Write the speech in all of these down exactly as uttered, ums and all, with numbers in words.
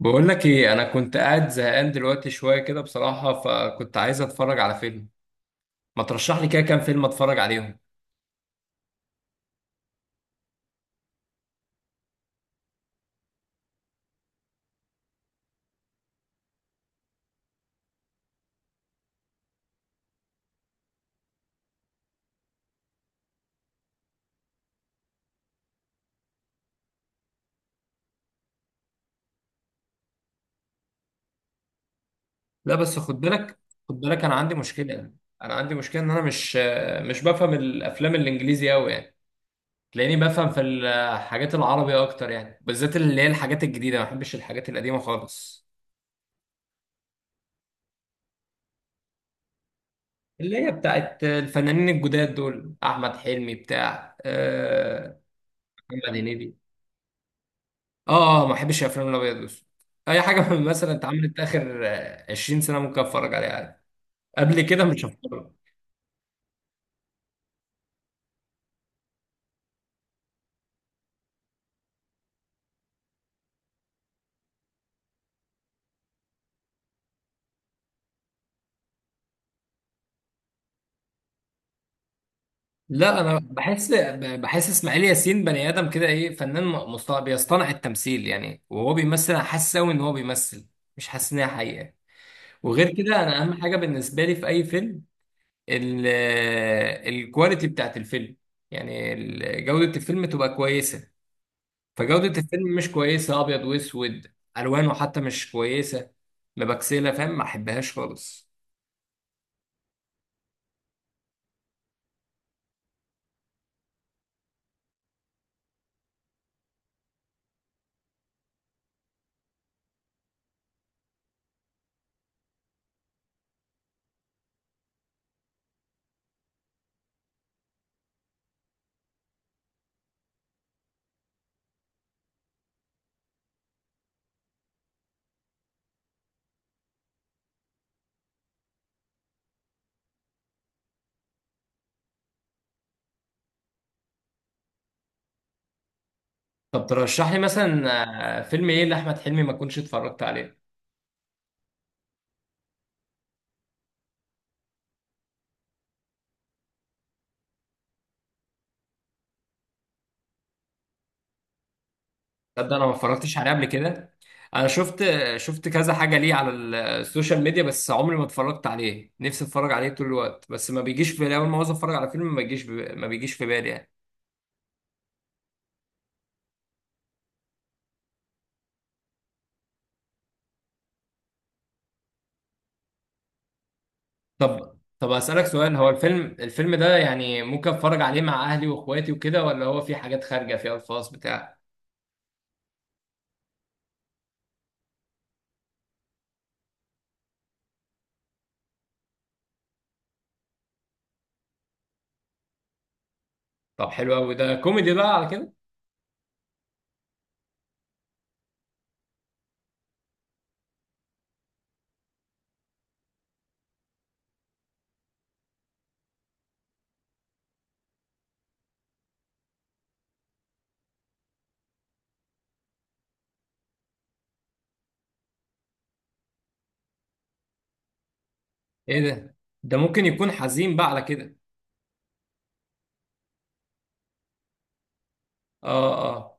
بقول لك ايه، انا كنت قاعد زهقان دلوقتي شويه كده بصراحه، فكنت عايز اتفرج على فيلم. ما ترشح لي كده كام فيلم اتفرج عليهم؟ لا بس خد بالك خد بالك انا عندي مشكله انا عندي مشكله ان انا مش مش بفهم الافلام الانجليزي قوي يعني. تلاقيني بفهم في الحاجات العربي اكتر يعني، بالذات اللي هي الحاجات الجديده. ما بحبش الحاجات القديمه خالص. اللي هي بتاعت الفنانين الجداد دول، احمد حلمي بتاع آه، محمد هنيدي. اه اه، ما بحبش الافلام الابيض والاسود. اي حاجه من مثلا اتعملت اخر آه، عشرين سنة سنه ممكن اتفرج عليها عادي. قبل كده مش هتفرج. لا انا بحس، ب- بحس اسماعيل ياسين بني ادم كده ايه، فنان م- مصطنع، بيصطنع التمثيل يعني. وهو بيمثل انا حاسس قوي ان هو بيمثل، مش حاسس ان هي حقيقه. وغير كده، انا اهم حاجه بالنسبه لي في اي فيلم ال- آه، الكواليتي بتاعت الفيلم، يعني ال- جوده الفيلم تبقى كويسه. فجودة الفيلم مش كويسة، أبيض وأسود، ألوانه حتى مش كويسة مبكسلة، فاهم؟ ما أحبهاش خالص. طب ترشح لي مثلا آه، فيلم إيه لأحمد حلمي ما كنتش اتفرجت عليه؟ تصدق أنا ما اتفرجتش عليه قبل كده؟ أنا شفت شفت كذا حاجة ليه على السوشيال ميديا، بس عمري ما اتفرجت عليه. نفسي اتفرج عليه طول الوقت بس ما بيجيش في بالي. أول ما عاوز اتفرج على فيلم ما بيجيش ما بيجيش في بالي يعني. طب طب أسألك سؤال، هو الفيلم الفيلم ده يعني ممكن اتفرج عليه مع أهلي وإخواتي وكده، ولا هو في حاجات خارجة فيها الفاظ بتاع؟ طب حلو قوي، ده كوميدي بقى على كده؟ ايه ده ده ممكن يكون حزين بقى على كده؟ اه اه.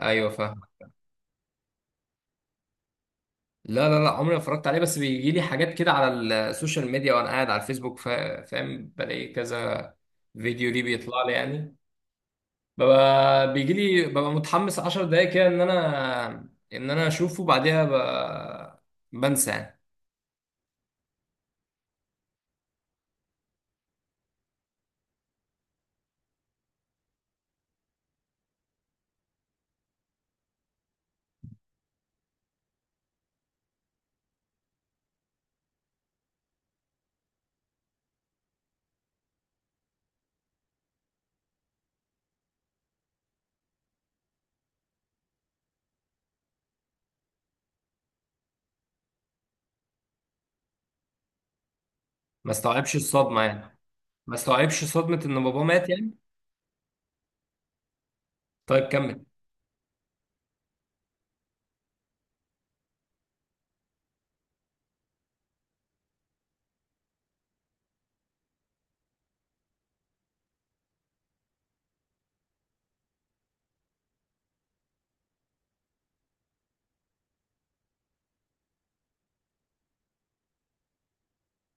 ايوه فاهم. لا لا لا، عمري ما اتفرجت عليه. بس بيجي لي حاجات كده على السوشيال ميديا وانا قاعد على الفيسبوك، فا- فاهم؟ بلاقي كذا فيديو ليه بيطلع لي يعني. ببقى بيجي لي، ببقى متحمس 10 دقايق كده ان انا ان انا اشوفه. بعدها ب... بنسى يعني. ما استوعبش الصدمة يعني، ما استوعبش صدمة ان بابا مات يعني. طيب كمل.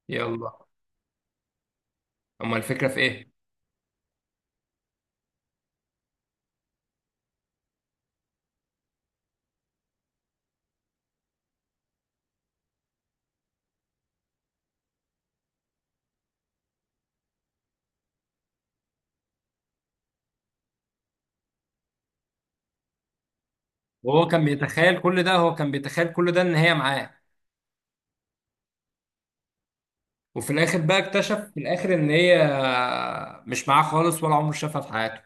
يلا. اما الفكرة في ايه؟ وهو كان بيتخيل كل ده هو كان بيتخيل كل ده ان هي معاه. وفي الاخر بقى اكتشف في الاخر ان هي مش معاه خالص ولا عمره شافها في حياته.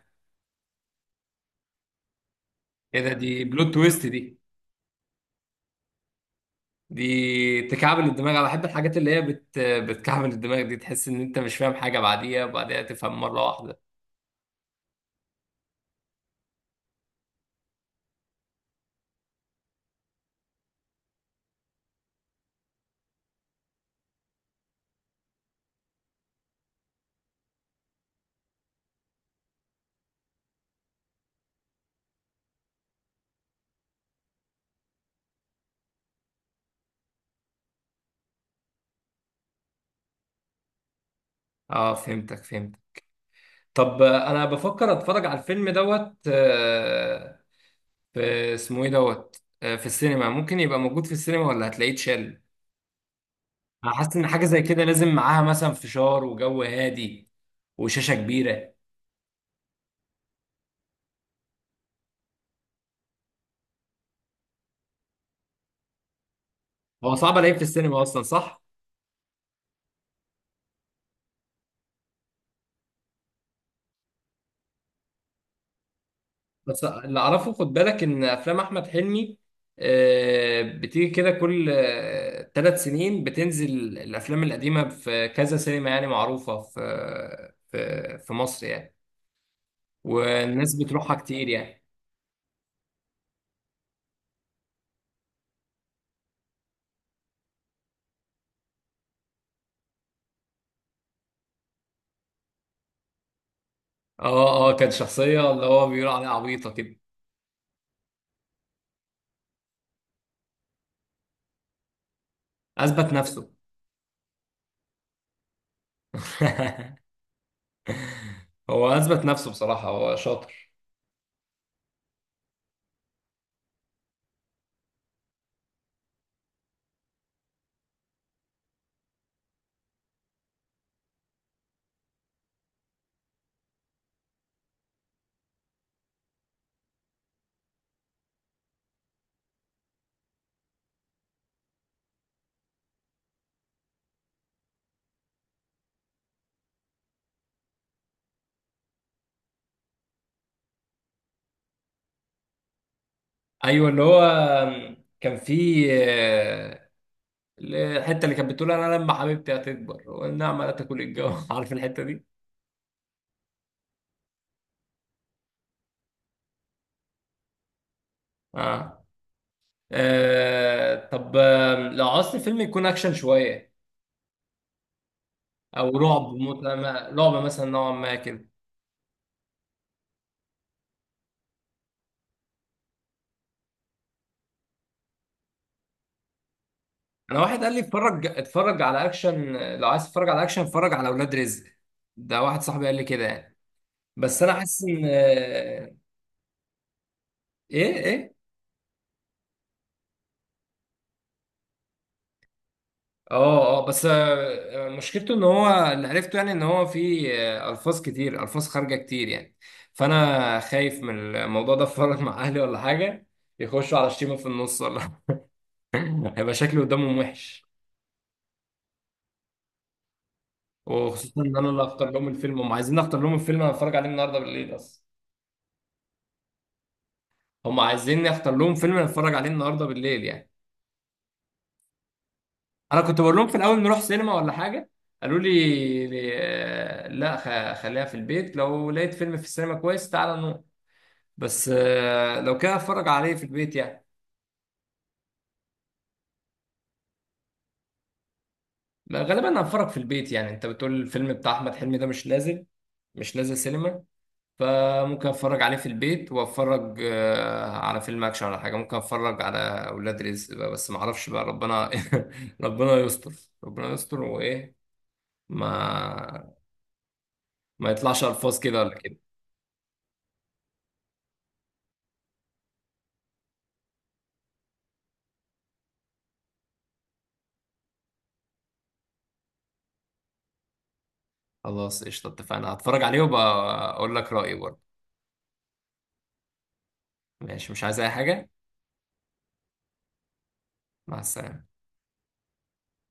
ايه ده! دي بلوت تويست دي! دي تكعبل الدماغ. انا بحب الحاجات اللي هي بت... بتكعبل الدماغ دي. تحس ان انت مش فاهم حاجه، بعديها وبعديها تفهم مره واحده. اه فهمتك فهمت. طب آه، انا بفكر اتفرج على الفيلم دوت آه، في اسمه ايه دوت آه، في السينما. ممكن يبقى موجود في السينما ولا هتلاقيه اتشال؟ انا حاسس ان حاجه زي كده لازم معاها مثلا فشار وجو هادي وشاشه كبيره. هو صعب الاقيه في السينما اصلا، صح؟ بس اللي اعرفه، خد بالك، ان افلام احمد حلمي آه، بتيجي كده كل ثلاث سنين. بتنزل الافلام القديمه في كذا سينما يعني معروفه في في في مصر يعني، والناس بتروحها كتير يعني. اه اه، كانت شخصيه اللي هو بيقول عليها عبيطه كده. اثبت نفسه. هو اثبت نفسه بصراحه، هو شاطر. ايوه، اللي هو كان في آه، الحته اللي كانت بتقول، انا لما حبيبتي هتكبر والنعمه لا تاكل الجو عارف الحته دي؟ اه, آه. طب آه، لو عاوز فيلم يكون اكشن شويه، او رعب موت، ما- رعب مثلا نوعا ما كده. انا واحد قال لي، اتفرج اتفرج على اكشن. لو عايز تتفرج على اكشن اتفرج على اولاد رزق. ده واحد صاحبي قال لي كده يعني. بس انا حاسس ان آه، ايه إيه؟ اه اه، بس آه، آه، مشكلته ان هو اللي عرفته يعني، ان هو في آه، الفاظ كتير، الفاظ خارجه كتير يعني. فانا خايف من الموضوع ده، اتفرج مع اهلي ولا حاجه؟ يخشوا على شتيمه في النص ولا هيبقى شكلي قدامهم وحش. وخصوصا ان انا اللي هختار لهم الفيلم. هم عايزين اختار لهم الفيلم انا اتفرج عليه النهارده بالليل اصلا. هم عايزيني اختار لهم فيلم انا اتفرج عليه النهارده بالليل يعني. انا كنت بقول لهم في الاول نروح سينما ولا حاجه. قالوا لي لي- آه، لا. خ- خليها في البيت، لو لقيت فيلم في السينما كويس تعالى نروح. بس آه، لو كده هتفرج عليه في البيت يعني. ما غالبا هتفرج في البيت يعني. انت بتقول الفيلم بتاع احمد حلمي ده مش نازل مش نازل سينما. فممكن اتفرج عليه في البيت واتفرج آه، على فيلم اكشن ولا حاجه. ممكن اتفرج على اولاد رزق بقى، بس ما اعرفش بقى، ربنا ربنا يستر. ربنا يستر وايه، ما ما يطلعش الفاظ كده ولا كده. خلاص قشطه، اتفقنا هتفرج عليه، وبقى اقول لك رايي برضه. ماشي مش عايز اي حاجه. مع السلامه.